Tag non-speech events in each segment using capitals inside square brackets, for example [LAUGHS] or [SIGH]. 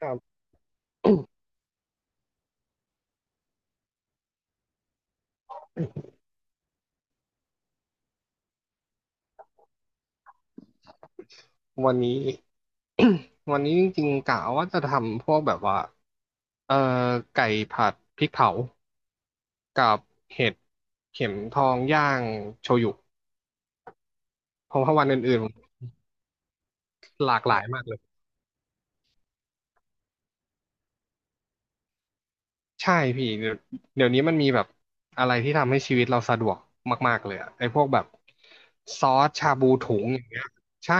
ครับ [COUGHS] วันนี้ [COUGHS] วันนี้จริงๆกะว่าจะทำพวกแบบว่าเอ่อไก่ผัดพริกเผากับเห็ดเข็มทองย่างโชยุเพราะว่าวันอื่นๆผมหลากหลายมากเลยใช่พี่เดี๋ยวเดี๋ยวนี้มันมีแบบอะไรที่ทำให้ชีวิตเราสะดวกมากๆเลยอะไอ้พวกแบบซอสชาบูถุงอย่างเงี้ยใช่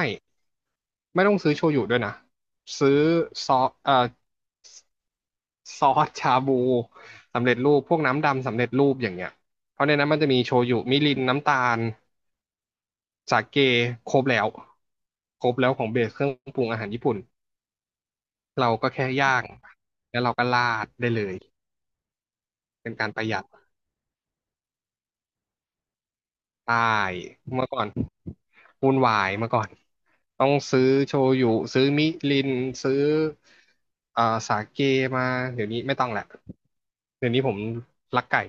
ไม่ต้องซื้อโชยุด้วยนะซื้อซอสเอ่อ ซอสชาบูสำเร็จรูปพวกน้ำดำสำเร็จรูปอย่างเงี้ยเพราะในนั้นมันจะมีโชยุมิรินน้ำตาลสาเกครบแล้วครบแล้วของเบสเครื่องปรุงอาหารญี่ปุ่นเราก็แค่ย่างแล้วเราก็ราดได้เลยเป็นการประหยัดใช่เมื่อก่อนวุ่นวายเมื่อก่อนต้องซื้อโชยุซื้อมิรินซื้อเอ่อสาเกมาเดี๋ยวนี้ไม่ต้องแหละเดี๋ยวนี้ผมรักไก่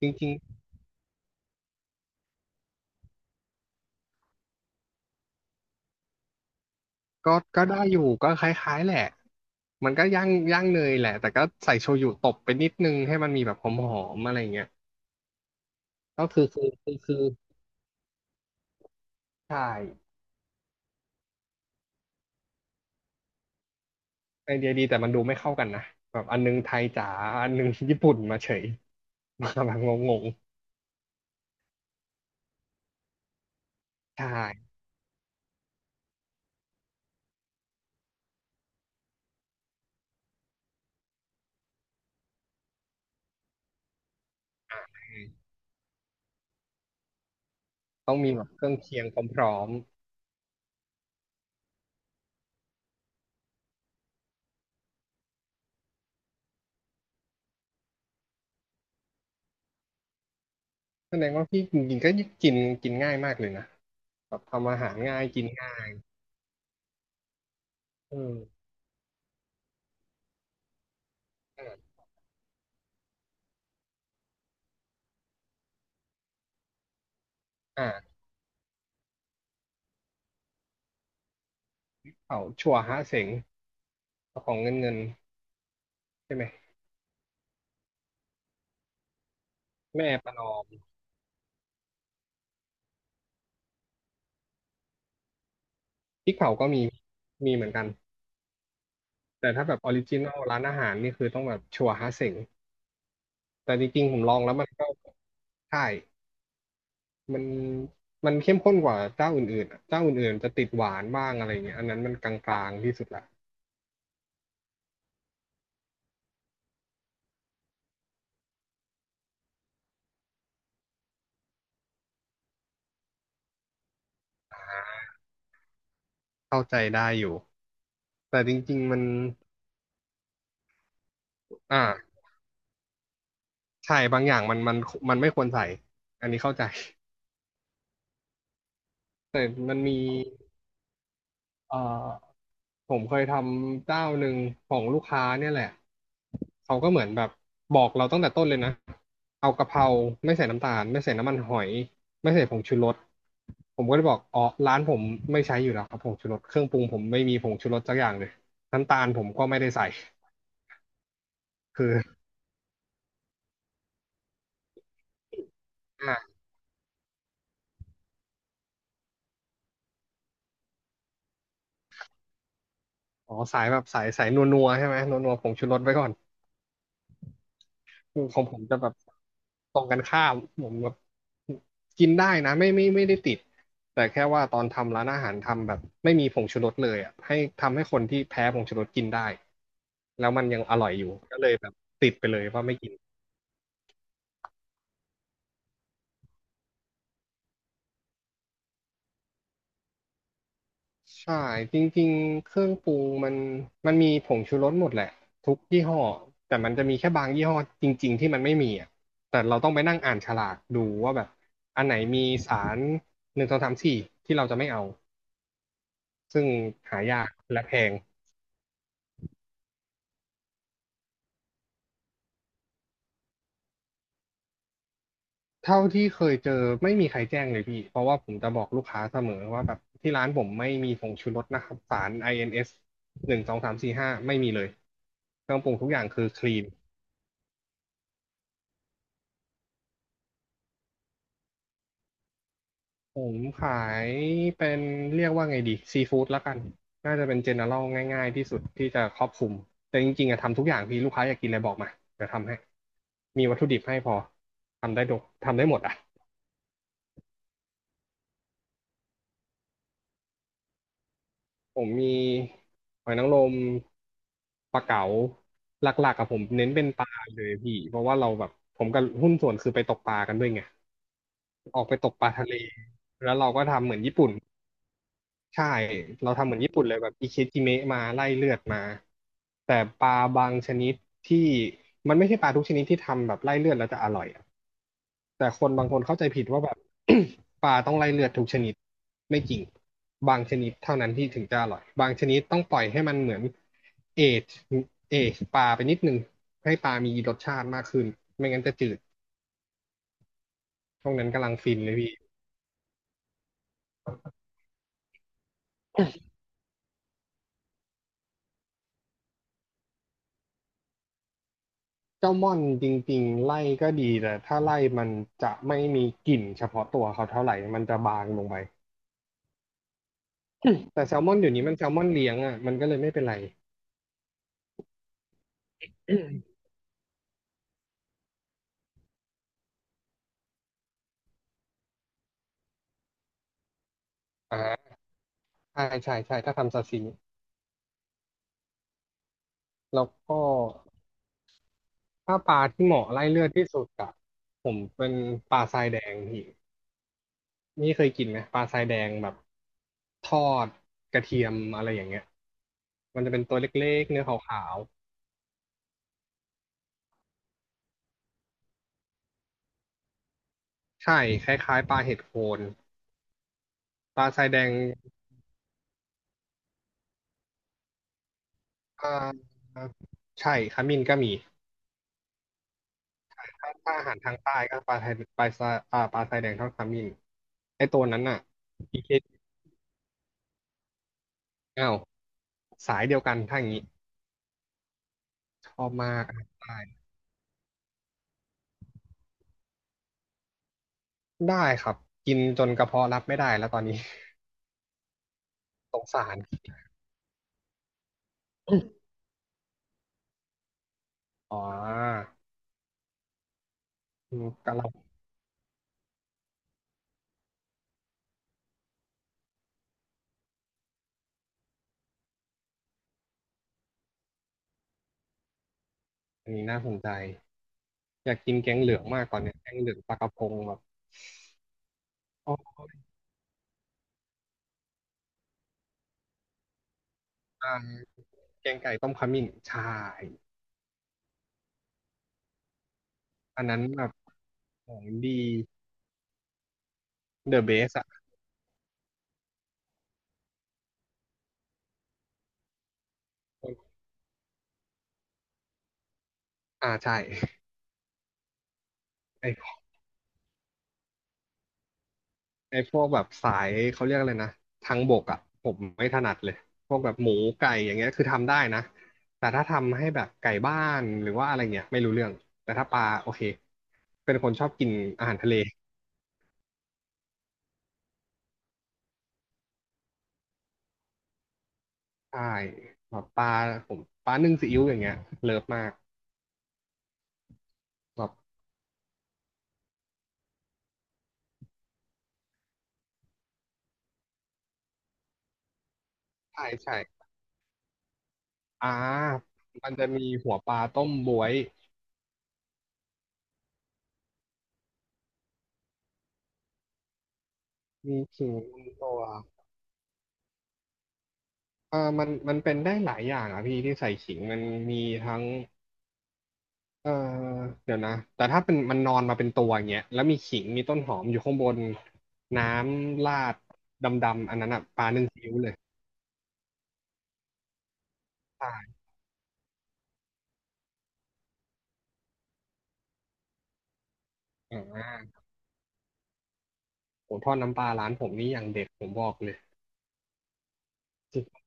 จริง ก็ก็ได้อยู่ก็คล้ายๆแหละมันก็ย่างย่างเนยแหละแต่ก็ใส่โชยุตบไปนิดนึงให้มันมีแบบหอมๆอะไรเงี้ยก็คือใช่ไอเดียดีแต่มันดูไม่เข้ากันนะแบบอันนึงไทยจ๋าอันนึงญี่ปุ่นมาเฉยมาแบบงงๆใช่อ่ต้องมีแบบเครื่องเคียงพร้อมๆแสดงว่าพี่จริงๆก็กินกินง่ายมากเลยนะแบบทำอาหารง่ายกินง่ายเอออ่าอ่าเขาชัวฮะเสงของเงินเงินใช่ไหมแม่ประนอม พริกเผาก็มีมีเหมือนกันแต่ถ้าแบบออริจินอลร้านอาหารนี่คือต้องแบบชัวร์ฮาเส็งแต่จริงๆผมลองแล้วมันก็ใช่มันมันเข้มข้นกว่าเจ้าอื่นๆอะเจ้าอื่นๆจะติดหวานบ้างอะไรเงี้ยอันนั้นมันกลางๆที่สุดละเข้าใจได้อยู่แต่จริงๆมันอ่าใช่บางอย่างมันไม่ควรใส่อันนี้เข้าใจ [LAUGHS] แต่มันมีเอ่อ ผมเคยทำเจ้าหนึ่งของลูกค้าเนี่ยแหละ เขาก็เหมือนแบบบอกเราตั้งแต่ต้นเลยนะ เอากะเพราไม่ใส่น้ำตาลไม่ใส่น้ำมันหอยไม่ใส่ผงชูรสผมก็เลยบอกอ๋อร้านผมไม่ใช้อยู่แล้วครับผงชูรสเครื่องปรุงผมไม่มีผงชูรสสักอย่างเลยน้ำตาลผมก็ไม่ได้ใส่คืออ่าอ๋อสายแบบสายนัวๆใช่ไหมนัวๆผงชูรสไว้ก่อนของผมจะแบบ ตรงกันข้ามผมแบบกินได้นะไม่ได้ติดแต่แค่ว่าตอนทำร้านอาหารทำแบบไม่มีผงชูรสเลยอ่ะให้ทำให้คนที่แพ้ผงชูรสกินได้แล้วมันยังอร่อยอยู่ก็เลยแบบติดไปเลยว่าไม่กินใช่จริงๆเครื่องปรุงมันมันมีผงชูรสหมดแหละทุกยี่ห้อแต่มันจะมีแค่บางยี่ห้อจริงๆที่มันไม่มีอ่ะแต่เราต้องไปนั่งอ่านฉลากดูว่าแบบอันไหนมีสารหนึ่งสองสามสี่ที่เราจะไม่เอาซึ่งหายากและแพง เท่าที่เคยเจอไม่มีใครแจ้งเลยพี่ เพราะว่าผมจะบอกลูกค้าเสมอว่าแบบที่ร้านผมไม่มีผงชูรสนะครับสาร INS 1 2 3 4 5ไม่มีเลยเครื่องปรุงทุกอย่างคือคลีนผมขายเป็นเรียกว่าไงดีซีฟู้ดละกันน่าจะเป็นเจเนอรัลง่ายๆที่สุดที่จะครอบคลุม แต่จริงๆอะทำทุกอย่างพี่ลูกค้าอยากกินอะไรบอกมาเดี๋ยวทำให้มีวัตถุดิบให้พอทำได้ดกทำได้หมดอะ ผมมีหอยนางรมปลาเก๋าหลักๆกับผมเน้นเป็นปลาเลยพี่เพราะว่าเราแบบผมกับหุ้นส่วนคือไปตกปลากันด้วยไงออกไปตกปลาทะเลแล้วเราก็ทำเหมือนญี่ปุ่นใช่เราทำเหมือนญี่ปุ่นเลยแบบอิเคจิเมะมาไล่เลือดมาแต่ปลาบางชนิดที่มันไม่ใช่ปลาทุกชนิดที่ทำแบบไล่เลือดแล้วจะอร่อยอะ แต่คนบางคนเข้าใจผิดว่าแบบ [COUGHS] ปลาต้องไล่เลือดทุกชนิดไม่จริงบางชนิดเท่านั้นที่ถึงจะอร่อยบางชนิดต้องปล่อยให้มันเหมือนเอจเอจปลาไปนิดนึงให้ปลามีรสชาติมากขึ้นไม่งั้นจะจืดช่วงนั้นกำลังฟินเลยพี่เจ้าม่อนจริงๆไล่ก็ดีแต่ถ้าไล่มันจะไม่มีกลิ่นเฉพาะตัวเขาเท่าไหร่มันจะบางลงไป [COUGHS] แต่แซลมอนอยู่นี้มันแซลมอนเลี้ยงอ่ะมันก็เลยไม่เป็นไรอ่าใช่ใช่ใช่ถ้าทำซาซิมิแล้วก็ ถ้าปลาที่เหมาะไล่เลือดที่สุดอะผมเป็นปลาทรายแดงพี่นี่เคยกินไหมปลาทรายแดงแบบทอดกระเทียมอะไรอย่างเงี้ยมันจะเป็นตัวเล็กๆเนื้อขาวๆใช่คล้ายๆปลาเห็ดโคนปลาทรายแดงอ่าใช่ขมิ้นก็มีถ้าอาหารทางใต้ก็ปลาไทยปลาทรายปลาทรายแดงทอดขมิ้นไอตัวนั้นน่ะอีเคอ้าวสายเดียวกันถ้าอย่างงี้ชอบมากอาหารใต้ได้ครับกินจนกระเพาะรับไม่ได้แล้วตอนนี้ สงสารอ๋ออืมกะหล่ำอันนี้น่าสนใจอยากกินแกงเหลืองมากตอนเนี้ยแกงเหลืองปลากระพงแบบอ๋ออ่าแกงไก่ต้มขมิ้นใช่ อันนั้นแบบของดีเดอะเบสอะอ่าใช่ไอไอพวกแบบสายเขาเรียกอะไรนะทางบกอะผมไม่ถนัดเลย พวกแบบหมูไก่อย่างเงี้ยคือทำได้นะแต่ถ้าทำให้แบบไก่บ้านหรือว่าอะไรเงี้ยไม่รู้เรื่องแต่ถ้าปลาโอเคเป็นคนชอบกินอาหารทะเล ใช่แบบปลาผมปลานึ่งซีอิ๊วอย่างเงี้ยเลิฟมากแบบใช่ใช่อ่ามันจะมีหัวปลาต้มบวยมีขิงลงตัวเออมันเป็นได้หลายอย่างอ่ะพี่ที่ใส่ขิงมันมีทั้งเออเดี๋ยวนะแต่ถ้าเป็นมันนอนมาเป็นตัวอย่างเงี้ยแล้วมีขิงมีต้นหอมอยู่ข้างบนน้ำราดดำๆอันนั้นอ่ะปลานึ่งซีอิ๊วเลยใช่อ่าผมทอดน้ำปลาร้านผมนี่อย่างเด็ดผมบอกเลยจริง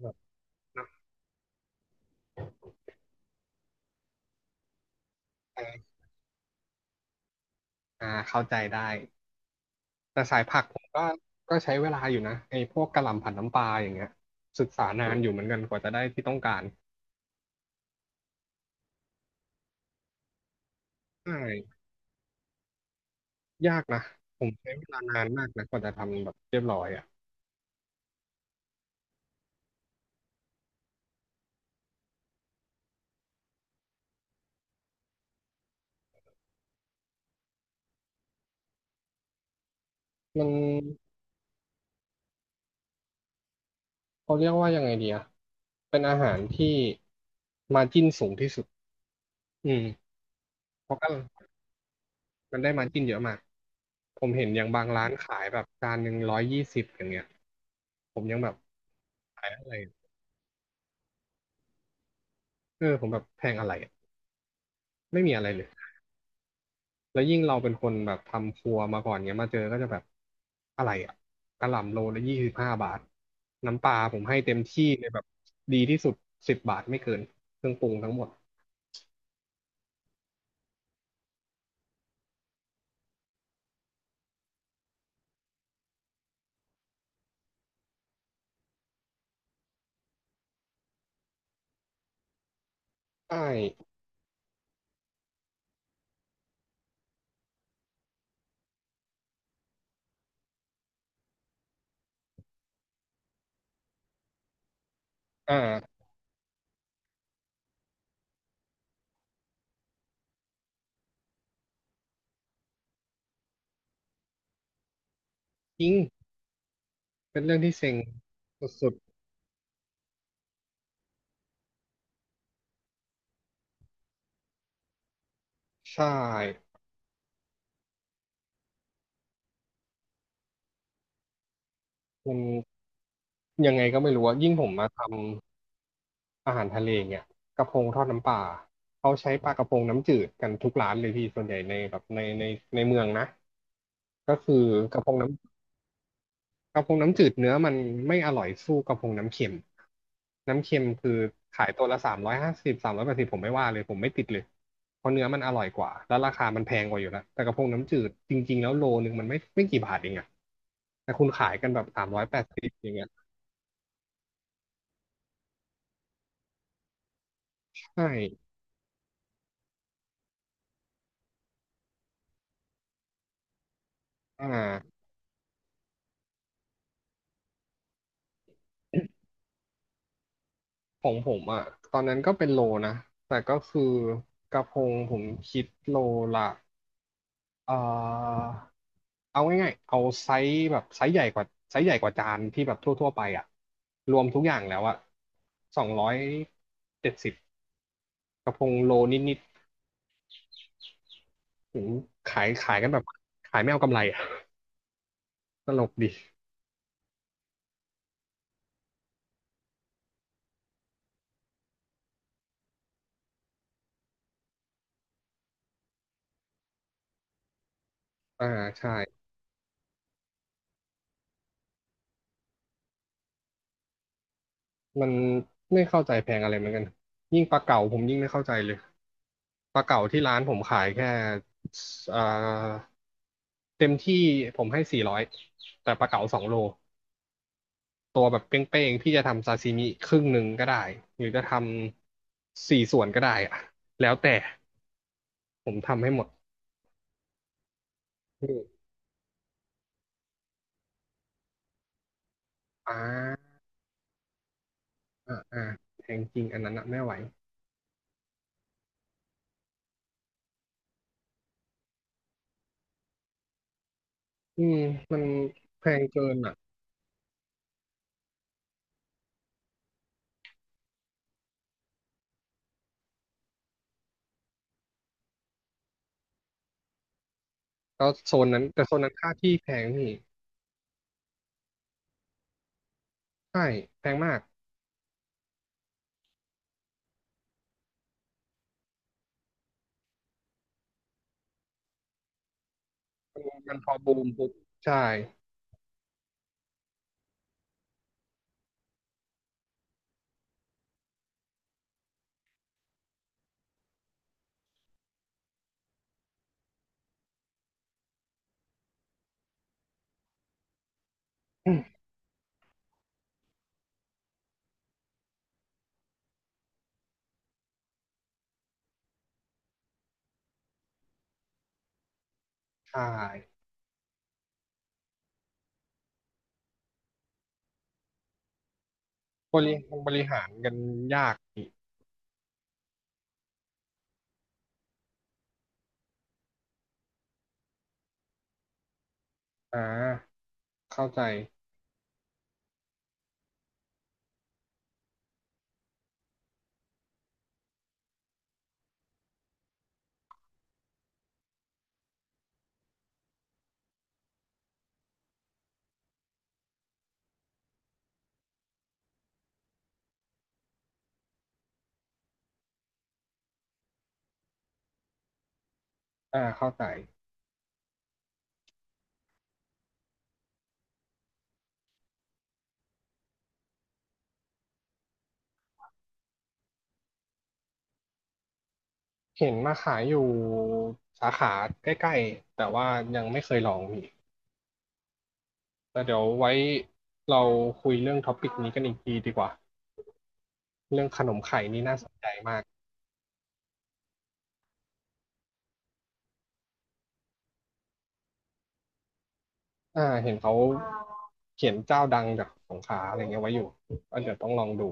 แบบน้ำปลาเข้าใจได้ แต่สายผักผมก็ใช้เวลาอยู่นะไอ้พวกกะหล่ำผัดน้ำปลาอย่างเงี้ยศึกษานานอยู่เหมือนกันกว่าจะได้ที่ต้องการใช่ยากนะผมใช้เวลานานมากนะกว่าจะทำแบบเรียบร้อยอ่ะมันเขาเรียกว่ายังไงดีอะเป็นอาหารที่มาร์จิ้นสูงที่สุดอืมเพราะก็มันได้มาร์จิ้นเยอะมากผมเห็นอย่างบางร้านขายแบบจาน120อย่างเงี้ยผมยังแบบขายอะไรเออผมแบบแพงอะไรอะไม่มีอะไรเลย แล้วยิ่งเราเป็นคนแบบทำครัวมาก่อนเงี้ยมาเจอก็จะแบบอะไรอ่ะกะหล่ำโลละ25 บาทน้ำปลาผมให้เต็มที่เลยแบบดีที่สุด10 บาทไม่เกินเครื่องปรุงทั้งหมดใช่อ่าจริงเป็นเรื่องที่เซ็งสุดๆใช่มันยังไงก็ไม่รู้อะยิ่งผมมาทำอาหารทะเลเงี่ยกระพงทอดน้ำปลาเขาใช้ปลากระพงน้ำจืดกันทุกร้านเลยพี่ส่วนใหญ่ในในเมืองนะก็คือกระพงน้ กระพงน้ำจืดเนื้อมันไม่อร่อยสู้กระพงน้ำเค็มน้ำเค็มคือขายตัวละ350สามร้อยแปดสิบผมไม่ว่าเลยผมไม่ติดเลยเพราะเนื้อมันอร่อยกว่าแล้วราคามันแพงกว่าอยู่แล้วแต่กระพงน้ำจืดจริงๆแล้วโลนึงมันไม่กี่บาทเองอะแต่คุณขายกันแบบสามร้อยแปดสิบอย่างเงี้ยใช่อ่าของผมอะตอนนั้นก็เป็นโลนะแต่ก็คือกระพงผมคิดโลละเอ่อ เอาง่ายๆเอาไซส์แบบไซส์ใหญ่กว่าจานที่แบบทั่วๆไปอ่ะรวมทุกอย่างแล้วอ่ะ270กระพงโลนิดๆถึงขายกันแบบขายไม่เอากำไรอ่ะ [LAUGHS] ตลกดีอ่าใช่มันไม่เข้าใจแพงอะไรเหมือนกันยิ่งปลาเก๋าผมยิ่งไม่เข้าใจเลยปลาเก๋าที่ร้านผมขายแค่อ่าเต็มที่ผมให้400แต่ปลาเก๋า2 โล ตัวแบบเป้งๆพี่จะทำซาซิมิครึ่งหนึ่งก็ได้หรือจะทำสี่ส่วนก็ได้อะแล้วแต่ผมทำให้หมดอืมอ่าอ่าแพงจริงอันนั้นอะไม่ไหวอืมมันแพงเกินอ่ะแล้วโซนนั้นแต่โซนนั้นค่าที่แพงนี่ใช่แพงมากมันมันพอบูมปุ๊บใช่อืมใช่บริบริหารกันยากอีกอ่าเข้าใจอ่าเข้าใจ เห็นมาขายอยู่สาขาใกล้ๆ แต่ว่ายังไม่เคยลองพี่แต่เดี๋ยวไว้เราคุยเรื่องท็อปิกนี้กันอีกทีดีกว่าเรื่องขนมไข่นี่น่าสนใจมากเห็นเขาเขียนเจ้าดังจากสงขลาอะไรเงี้ยไว้อยู่ก็เดี๋ยวต้องลองดู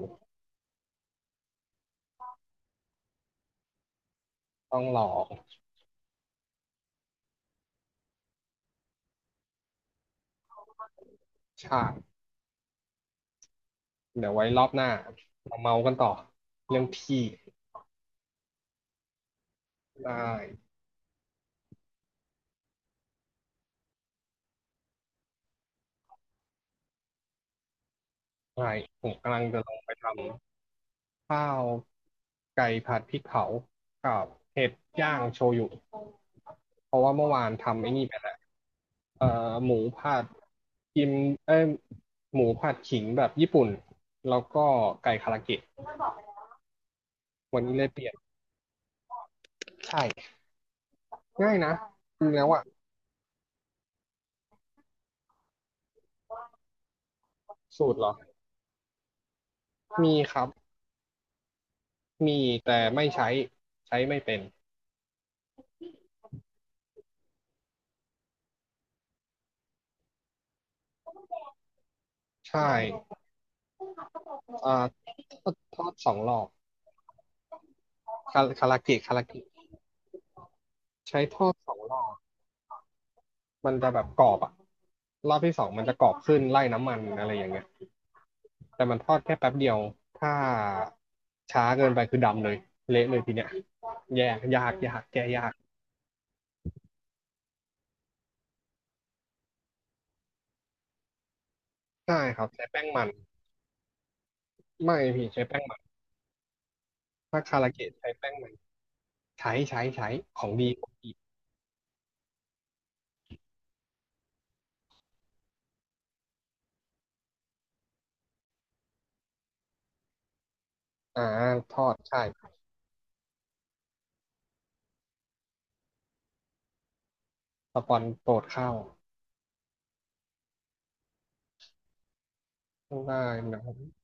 ต้องลองใช่เดี๋ยวไว้รอบหน้ามาเมากันต่อเรื่องที่ได้ได้ผมกำลังจะลองไปทำข้าวไก่ผัดพริกเผากับเห็ดย่างโชยุ เพราะว่าเมื่อวานทำไอ้นี่ไปแล้วเอ่อหมูผัดกิมเอ้ยหมูผัดขิงแบบญี่ปุ่นแล้วก็ไก่คาราเกะวันนี้เลยเปลี่ยนใช่ง่ายนะจริงแล้วอะสูตรเหรอมีครับมีแต่ไม่ใช้ใช้ไม่เป็นใช่อ่าทอดสองรอบคาราเกะใช้ทอดสองรอบมันจะแบบกรอบอะรอบที่สองมันจะกรอบขึ้นไล่น้ำมันอะไรอย่างเงี้ย แต่มันทอดแค่แป๊บเดียวถ้าช้าเกินไปคือดำเลยเละเลยทีเนี้ยแยกยากแก้ยากใช่ครับใช้แป้งมันไม่พี่ใช้แป้งมันถ้าคาราเกะใช้แป้งมันใช้ของดีอ่าทอดใช่สปอนโปรดเข้าได้นะครับ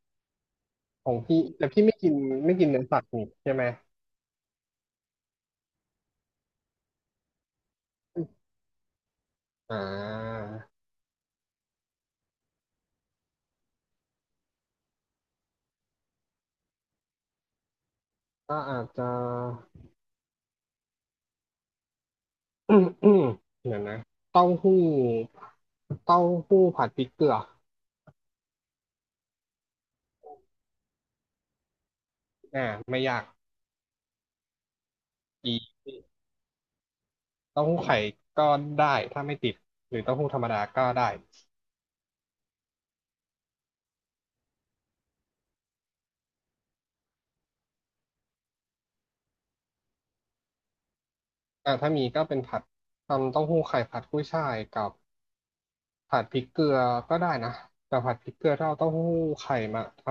ของพี่แต่พี่ไม่กินไม่กินเนื้อสัตว์นี่ใช่ไหมอ่าก็อาจจะ [COUGHS] อืมเดี๋ยวนะเต้าหู้เต้าหู้ผัดพริกเกลืออ่าไม่ยาก เต้าหู้ไข่ก็ได้ถ้าไม่ติดหรือเต้าหู้ธรรมดาก็ได้แต่าถ้ามีก็เป็นผัดทำเต้าหู้ไข่ผัดกุ้ยช่ายกับผัดพริกเกลือก็ได้นะแต่ผัดพริกเกลือถ้าเอาเต้าหู้ไข่มาท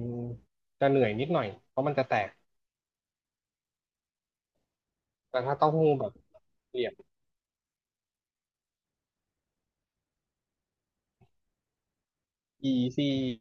ำจะเหนื่อยนิดหน่อยเพราะมันจะแตกแต่ถ้าเต้าหู้แบบเหลี่ยม e ีซี